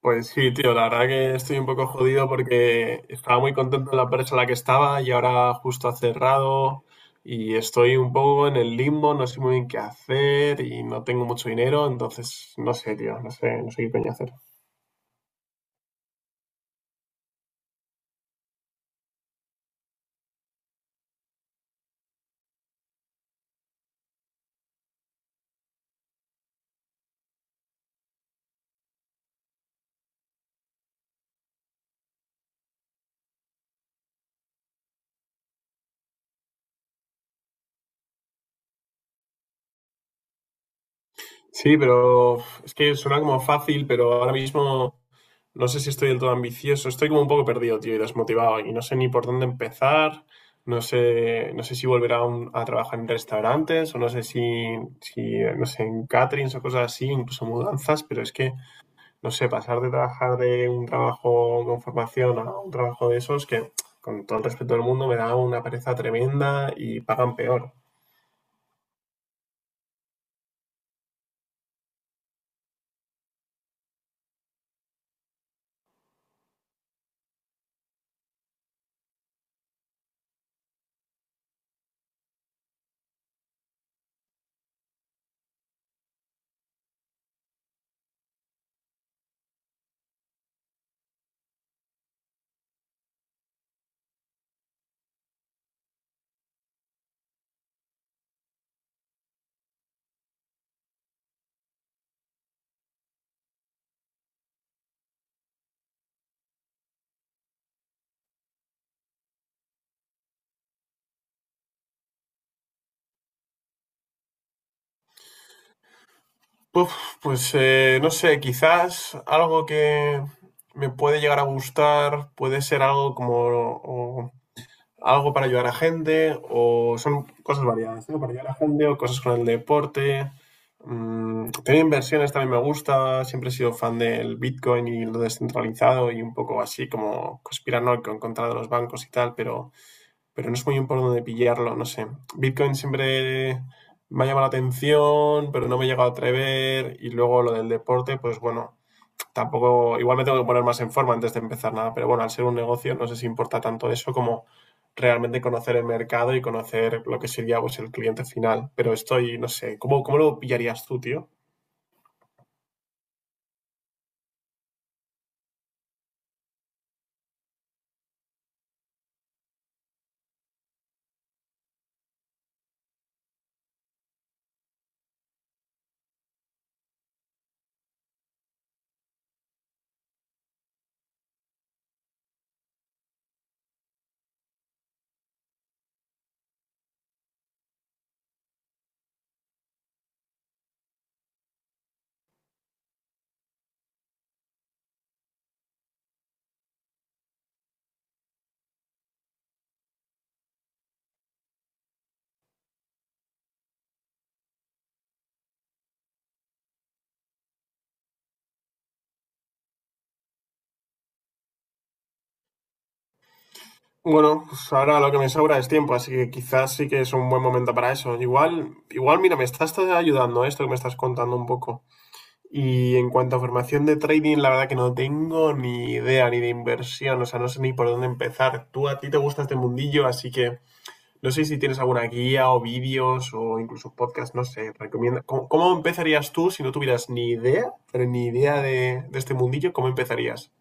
Pues sí, tío, la verdad que estoy un poco jodido porque estaba muy contento en la empresa en la que estaba y ahora justo ha cerrado y estoy un poco en el limbo, no sé muy bien qué hacer y no tengo mucho dinero, entonces no sé, tío, no sé qué coño hacer. Sí, pero uf, es que suena como fácil, pero ahora mismo no sé si estoy del todo ambicioso. Estoy como un poco perdido, tío, y desmotivado. Y no sé ni por dónde empezar. No sé si volver a, a trabajar en restaurantes o no sé si, no sé, en caterings o cosas así, incluso mudanzas, pero es que, no sé, pasar de trabajar de un trabajo con formación a un trabajo de esos que, con todo el respeto del mundo, me da una pereza tremenda y pagan peor. Uf, pues no sé, quizás algo que me puede llegar a gustar puede ser algo como o algo para ayudar a gente, o son cosas variadas, ¿no? Para ayudar a gente, o cosas con el deporte. Mm, tener inversiones también me gusta, siempre he sido fan del Bitcoin y lo descentralizado y un poco así como conspiranoico en contra de los bancos y tal, pero no es muy importante pillarlo, no sé. Bitcoin siempre me ha llamado la atención, pero no me he llegado a atrever. Y luego lo del deporte, pues bueno, tampoco, igual me tengo que poner más en forma antes de empezar nada, pero bueno, al ser un negocio no sé si importa tanto eso como realmente conocer el mercado y conocer lo que sería pues el cliente final. Pero estoy, no sé, ¿cómo, cómo lo pillarías tú, tío? Bueno, pues ahora lo que me sobra es tiempo, así que quizás sí que es un buen momento para eso. Igual, igual, mira, me estás ayudando esto que me estás contando un poco. Y en cuanto a formación de trading, la verdad que no tengo ni idea ni de inversión, o sea, no sé ni por dónde empezar. Tú a ti te gusta este mundillo, así que no sé si tienes alguna guía o vídeos o incluso podcast, no sé, recomienda. ¿Cómo, cómo empezarías tú si no tuvieras ni idea, pero ni idea de este mundillo? ¿Cómo empezarías?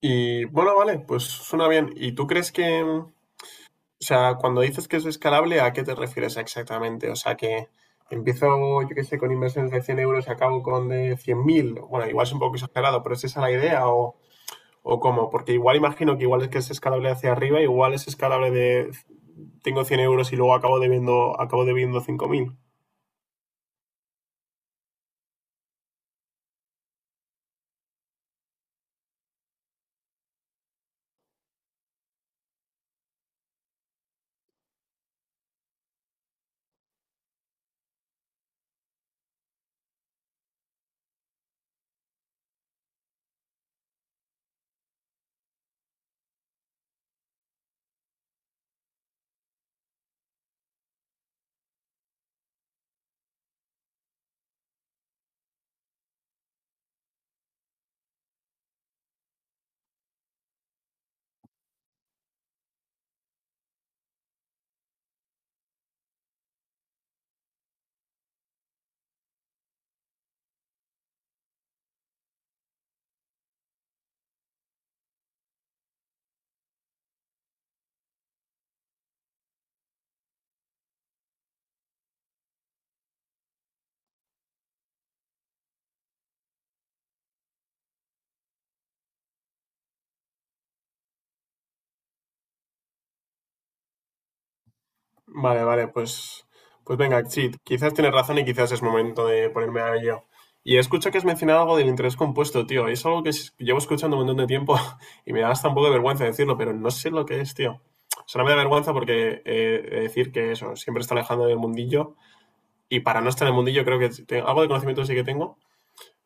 Y bueno, vale, pues suena bien. ¿Y tú crees que, o sea, cuando dices que es escalable, ¿a qué te refieres exactamente? O sea, que empiezo, yo qué sé, con inversiones de 100 € y acabo con de 100.000. Bueno, igual es un poco exagerado, pero ¿es esa la idea o cómo? Porque igual imagino que igual es que es escalable hacia arriba, igual es escalable de tengo 100 € y luego acabo debiendo 5.000. Vale, vale, pues, pues venga, sí, quizás tienes razón y quizás es momento de ponerme a ello. Y escucho que has mencionado algo del interés compuesto, tío. Es algo que llevo escuchando un montón de tiempo y me da hasta un poco de vergüenza decirlo, pero no sé lo que es, tío. O sea, no me da vergüenza porque decir que eso, siempre está alejando del mundillo y para no estar en el mundillo creo que algo de conocimiento sí que tengo,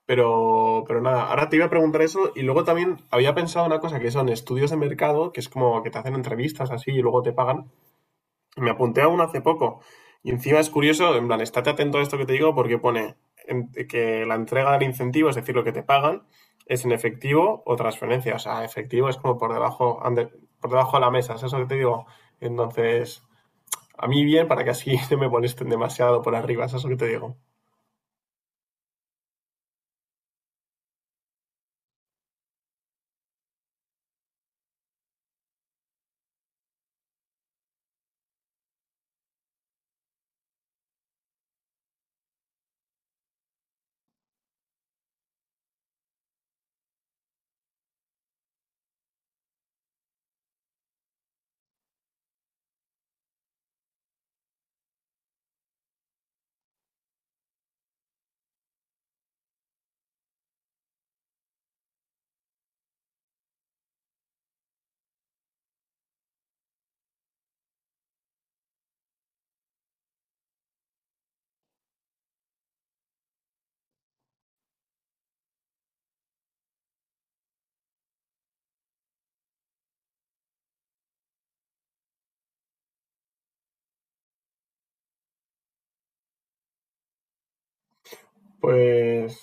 pero nada, ahora te iba a preguntar eso y luego también había pensado una cosa que son estudios de mercado, que es como que te hacen entrevistas así y luego te pagan. Me apunté a uno hace poco. Y encima es curioso, en plan, estate atento a esto que te digo porque pone que la entrega del incentivo, es decir, lo que te pagan, es en efectivo o transferencia. O sea, efectivo es como por debajo de la mesa, ¿es eso que te digo? Entonces, a mí bien para que así no me molesten demasiado por arriba, ¿es eso que te digo? Pues,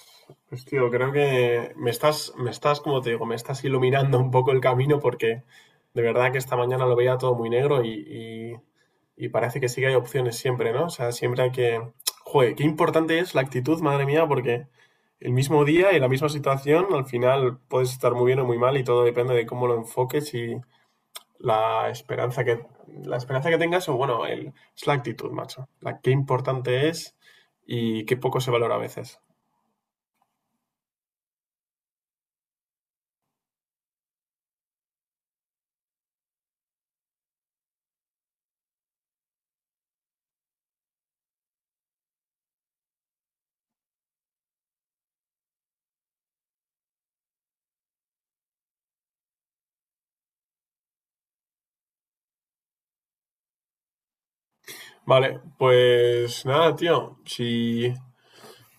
pues tío, creo que como te digo, me estás iluminando un poco el camino porque de verdad que esta mañana lo veía todo muy negro y parece que sí que hay opciones siempre, ¿no? O sea, siempre hay que... Joder, qué importante es la actitud, madre mía, porque el mismo día y la misma situación, al final puedes estar muy bien o muy mal y todo depende de cómo lo enfoques y la esperanza que, la esperanza que tengas o, bueno, es la actitud, macho. La, qué importante es y qué poco se valora a veces. Vale, pues nada, tío. Si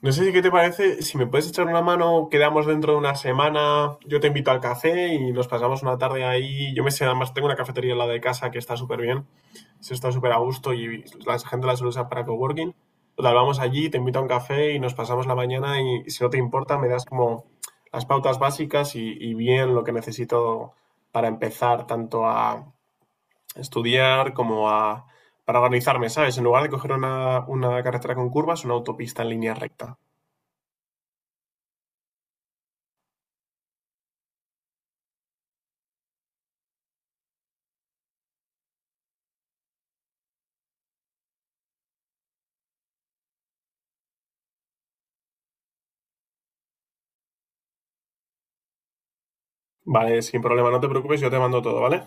No sé si qué te parece, si me puedes echar una mano, quedamos dentro de una semana, yo te invito al café y nos pasamos una tarde ahí. Yo me sé, además tengo una cafetería al lado de casa que está súper bien, se está súper a gusto y la gente la suele usar para coworking. Total, vamos allí, te invito a un café y nos pasamos la mañana y si no te importa me das como las pautas básicas y bien lo que necesito para empezar tanto a estudiar como a para organizarme, ¿sabes? En lugar de coger una carretera con curvas, una autopista en línea recta. Vale, sin problema, no te preocupes, yo te mando todo, ¿vale?